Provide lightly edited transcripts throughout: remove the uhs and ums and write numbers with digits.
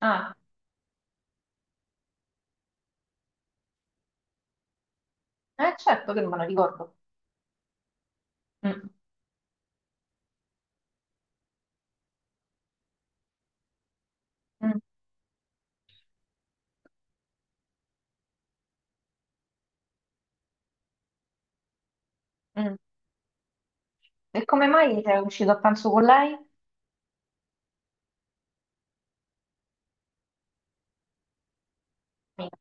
Ah, eh certo che non me lo ricordo. Mm, mm, mm. E come mai sei uscito a pranzo con lei? Mica.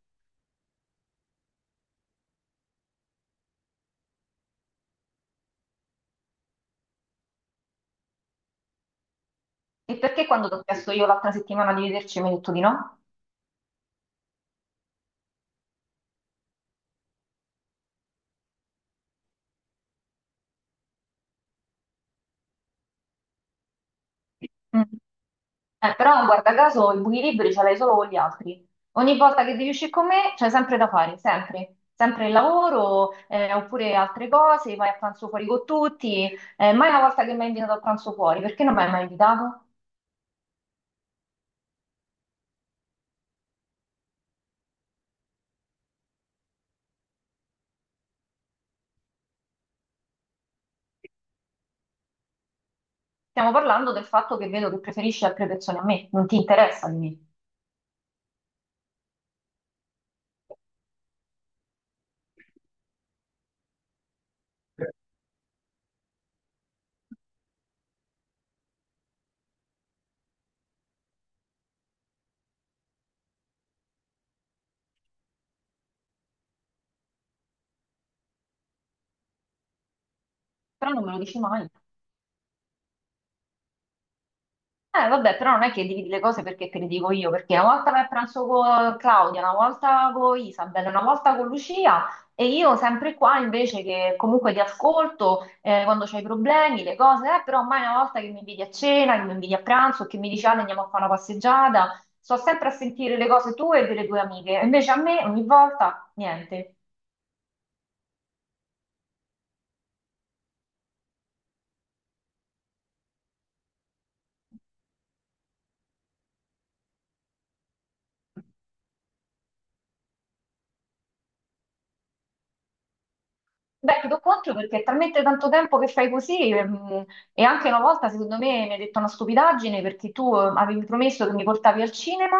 E perché quando ti ho chiesto io l'altra settimana di vederci mi hai detto di no? Mm. Però guarda caso i buchi liberi ce l'hai solo con gli altri. Ogni volta che devi uscire con me c'è sempre da fare, sempre. Sempre il lavoro, oppure altre cose, vai a pranzo fuori con tutti. Mai una volta che mi hai invitato a pranzo fuori, perché non mi hai mai invitato? Stiamo parlando del fatto che vedo che preferisci altre persone a me, non ti interessa di me. Però non me lo dici mai. Vabbè, però non è che dividi le cose perché te le dico io, perché una volta vai a pranzo con Claudia, una volta con Isabella, una volta con Lucia e io sempre qua invece che comunque ti ascolto quando c'hai problemi, le cose, però mai una volta che mi inviti a cena, che mi inviti a pranzo, che mi dici Ale, andiamo a fare una passeggiata, sto sempre a sentire le cose tue e delle tue amiche, invece a me ogni volta niente. Beh, ti do contro perché è talmente tanto tempo che fai così, e anche una volta secondo me mi hai detto una stupidaggine perché tu avevi promesso che mi portavi al cinema,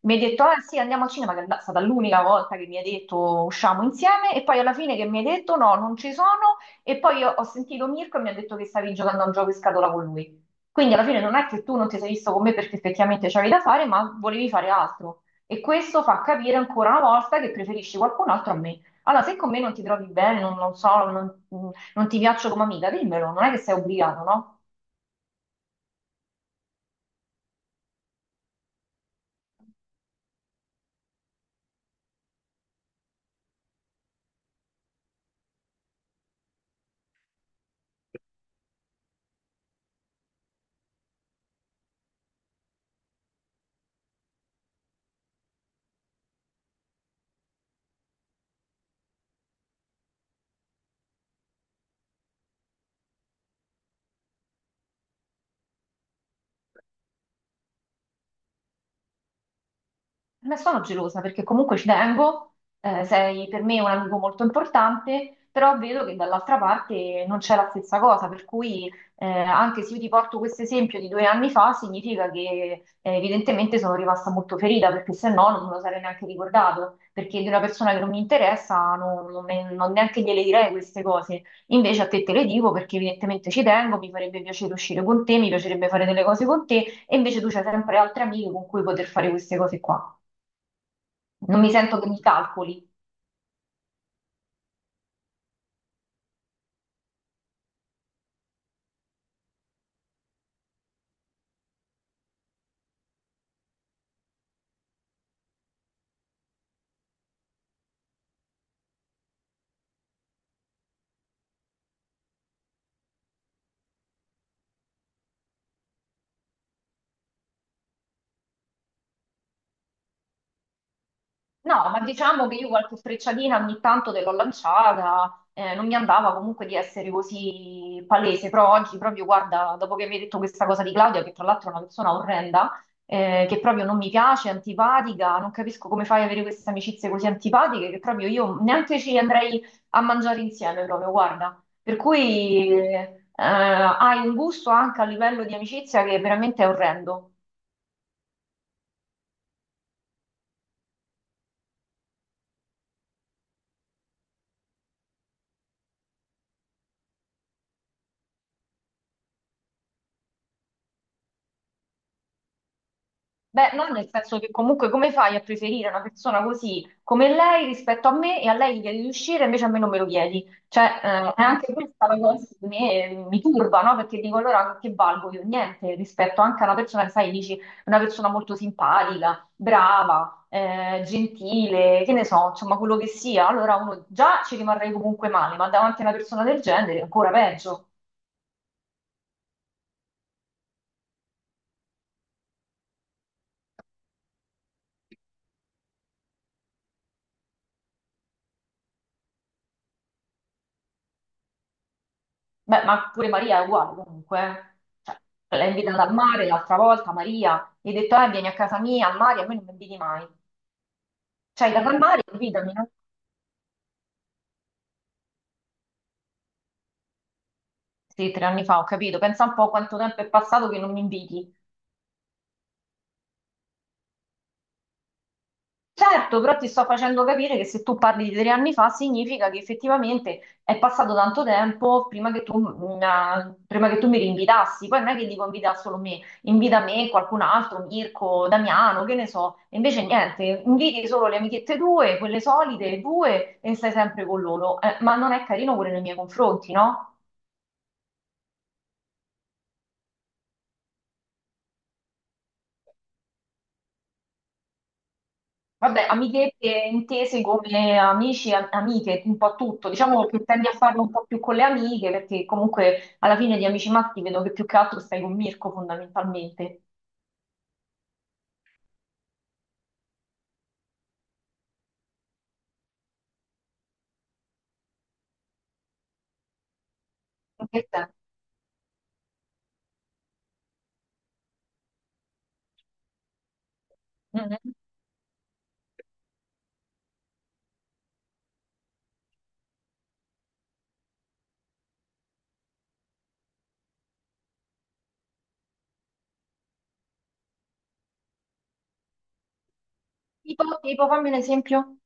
mi hai detto ah sì andiamo al cinema, che è stata l'unica volta che mi hai detto usciamo insieme e poi alla fine che mi hai detto no, non ci sono e poi ho sentito Mirko e mi ha detto che stavi giocando a un gioco in scatola con lui. Quindi alla fine non è che tu non ti sei visto con me perché effettivamente c'avevi da fare, ma volevi fare altro. E questo fa capire ancora una volta che preferisci qualcun altro a me. Allora, se con me non ti trovi bene, non so, non ti piaccio come amica, dimmelo, non è che sei obbligato, no? Ne sono gelosa perché comunque ci tengo, sei per me un amico molto importante, però vedo che dall'altra parte non c'è la stessa cosa, per cui anche se io ti porto questo esempio di 2 anni fa, significa che evidentemente sono rimasta molto ferita, perché se no non me lo sarei neanche ricordato, perché di una persona che non mi interessa non neanche gliele direi queste cose, invece a te te le dico perché evidentemente ci tengo, mi farebbe piacere uscire con te, mi piacerebbe fare delle cose con te, e invece tu c'hai sempre altre amiche con cui poter fare queste cose qua. Non mi sento che mi calcoli. No, ma diciamo che io qualche frecciatina ogni tanto te l'ho lanciata, non mi andava comunque di essere così palese, però oggi proprio, guarda, dopo che mi hai detto questa cosa di Claudia, che tra l'altro è una persona orrenda, che proprio non mi piace, è antipatica, non capisco come fai ad avere queste amicizie così antipatiche, che proprio io neanche ci andrei a mangiare insieme, proprio, guarda. Per cui hai un gusto anche a livello di amicizia che veramente è orrendo. Beh, no, nel senso che comunque come fai a preferire una persona così come lei rispetto a me e a lei gli chiedi di uscire, invece a me non me lo chiedi. Cioè, è anche questa la cosa che mi turba, no? Perché dico allora che valgo io? Niente, rispetto anche a una persona che sai, dici, una persona molto simpatica, brava, gentile, che ne so, insomma, quello che sia. Allora uno già ci rimarrei comunque male, ma davanti a una persona del genere è ancora peggio. Beh, ma pure Maria è uguale comunque, eh. Cioè, l'hai invitata al mare l'altra volta, Maria, gli hai detto, vieni a casa mia, al mare, a me non mi inviti mai. Cioè, hai dato al mare, invitami, no? Sì, 3 anni fa, ho capito. Pensa un po' quanto tempo è passato che non mi inviti. Certo, però ti sto facendo capire che se tu parli di 3 anni fa significa che effettivamente è passato tanto tempo prima che tu mi rinvitassi. Poi non è che dico invita solo me, invita me, qualcun altro, Mirko, Damiano, che ne so. E invece niente, inviti solo le amichette tue, quelle solite, due, e stai sempre con loro. Ma non è carino pure nei miei confronti, no? Vabbè, amichette intese come amici, amiche, un po' tutto. Diciamo che tendi a farlo un po' più con le amiche, perché comunque alla fine di Amici Matti vedo che più che altro stai con Mirko fondamentalmente. In che senso? Mhm. Tipo, fammi un esempio.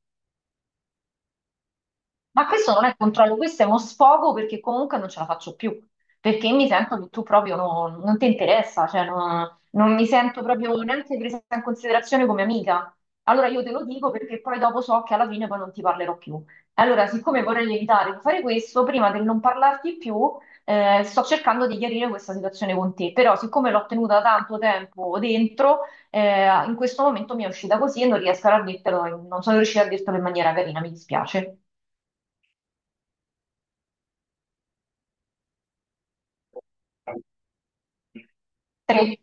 Ma questo non è controllo, questo è uno sfogo perché comunque non ce la faccio più, perché mi sento che tu proprio non ti interessa, cioè non mi sento proprio neanche presa in considerazione come amica. Allora io te lo dico perché poi dopo so che alla fine poi non ti parlerò più. Allora, siccome vorrei evitare di fare questo, prima del non parlarti più, sto cercando di chiarire questa situazione con te, però siccome l'ho tenuta tanto tempo dentro, in questo momento mi è uscita così e non riesco a dirtelo, non sono riuscita a dirtelo in maniera carina, mi dispiace. Tre.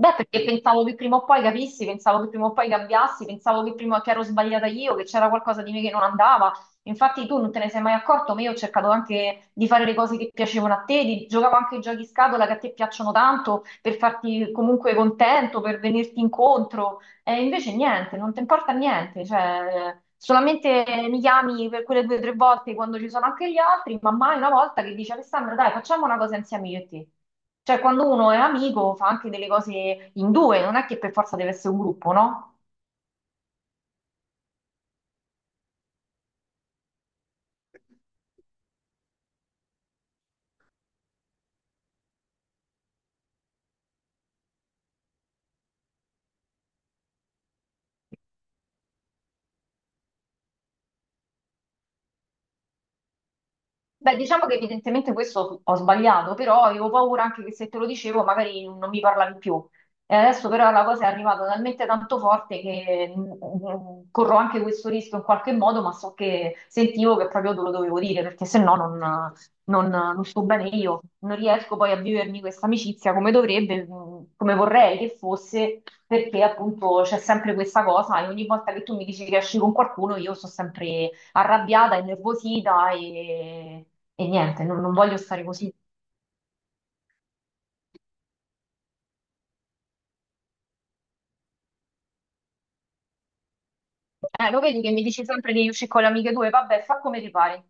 Beh, perché pensavo che prima o poi capissi, pensavo che prima o poi cambiassi, pensavo che prima che ero sbagliata io, che c'era qualcosa di me che non andava. Infatti tu non te ne sei mai accorto, ma io ho cercato anche di fare le cose che piacevano a te, giocavo anche ai giochi scatola che a te piacciono tanto, per farti comunque contento, per venirti incontro. E invece niente, non ti importa niente, cioè, solamente mi chiami per quelle due o tre volte quando ci sono anche gli altri, ma mai una volta che dici Alessandra, dai, facciamo una cosa insieme io e te. Cioè, quando uno è amico fa anche delle cose in due, non è che per forza deve essere un gruppo, no? Beh, diciamo che evidentemente questo ho sbagliato, però avevo paura anche che se te lo dicevo magari non mi parlavi più. E adesso però la cosa è arrivata talmente tanto forte che corro anche questo rischio in qualche modo, ma so che sentivo che proprio te lo dovevo dire, perché se no non sto bene io, non riesco poi a vivermi questa amicizia come dovrebbe, come vorrei che fosse, perché appunto c'è sempre questa cosa e ogni volta che tu mi dici che esci con qualcuno io sto sempre arrabbiata, innervosita e niente, non voglio stare così. Lo vedi che mi dici sempre di uscire con le amiche tue? Vabbè, fa come ti pare.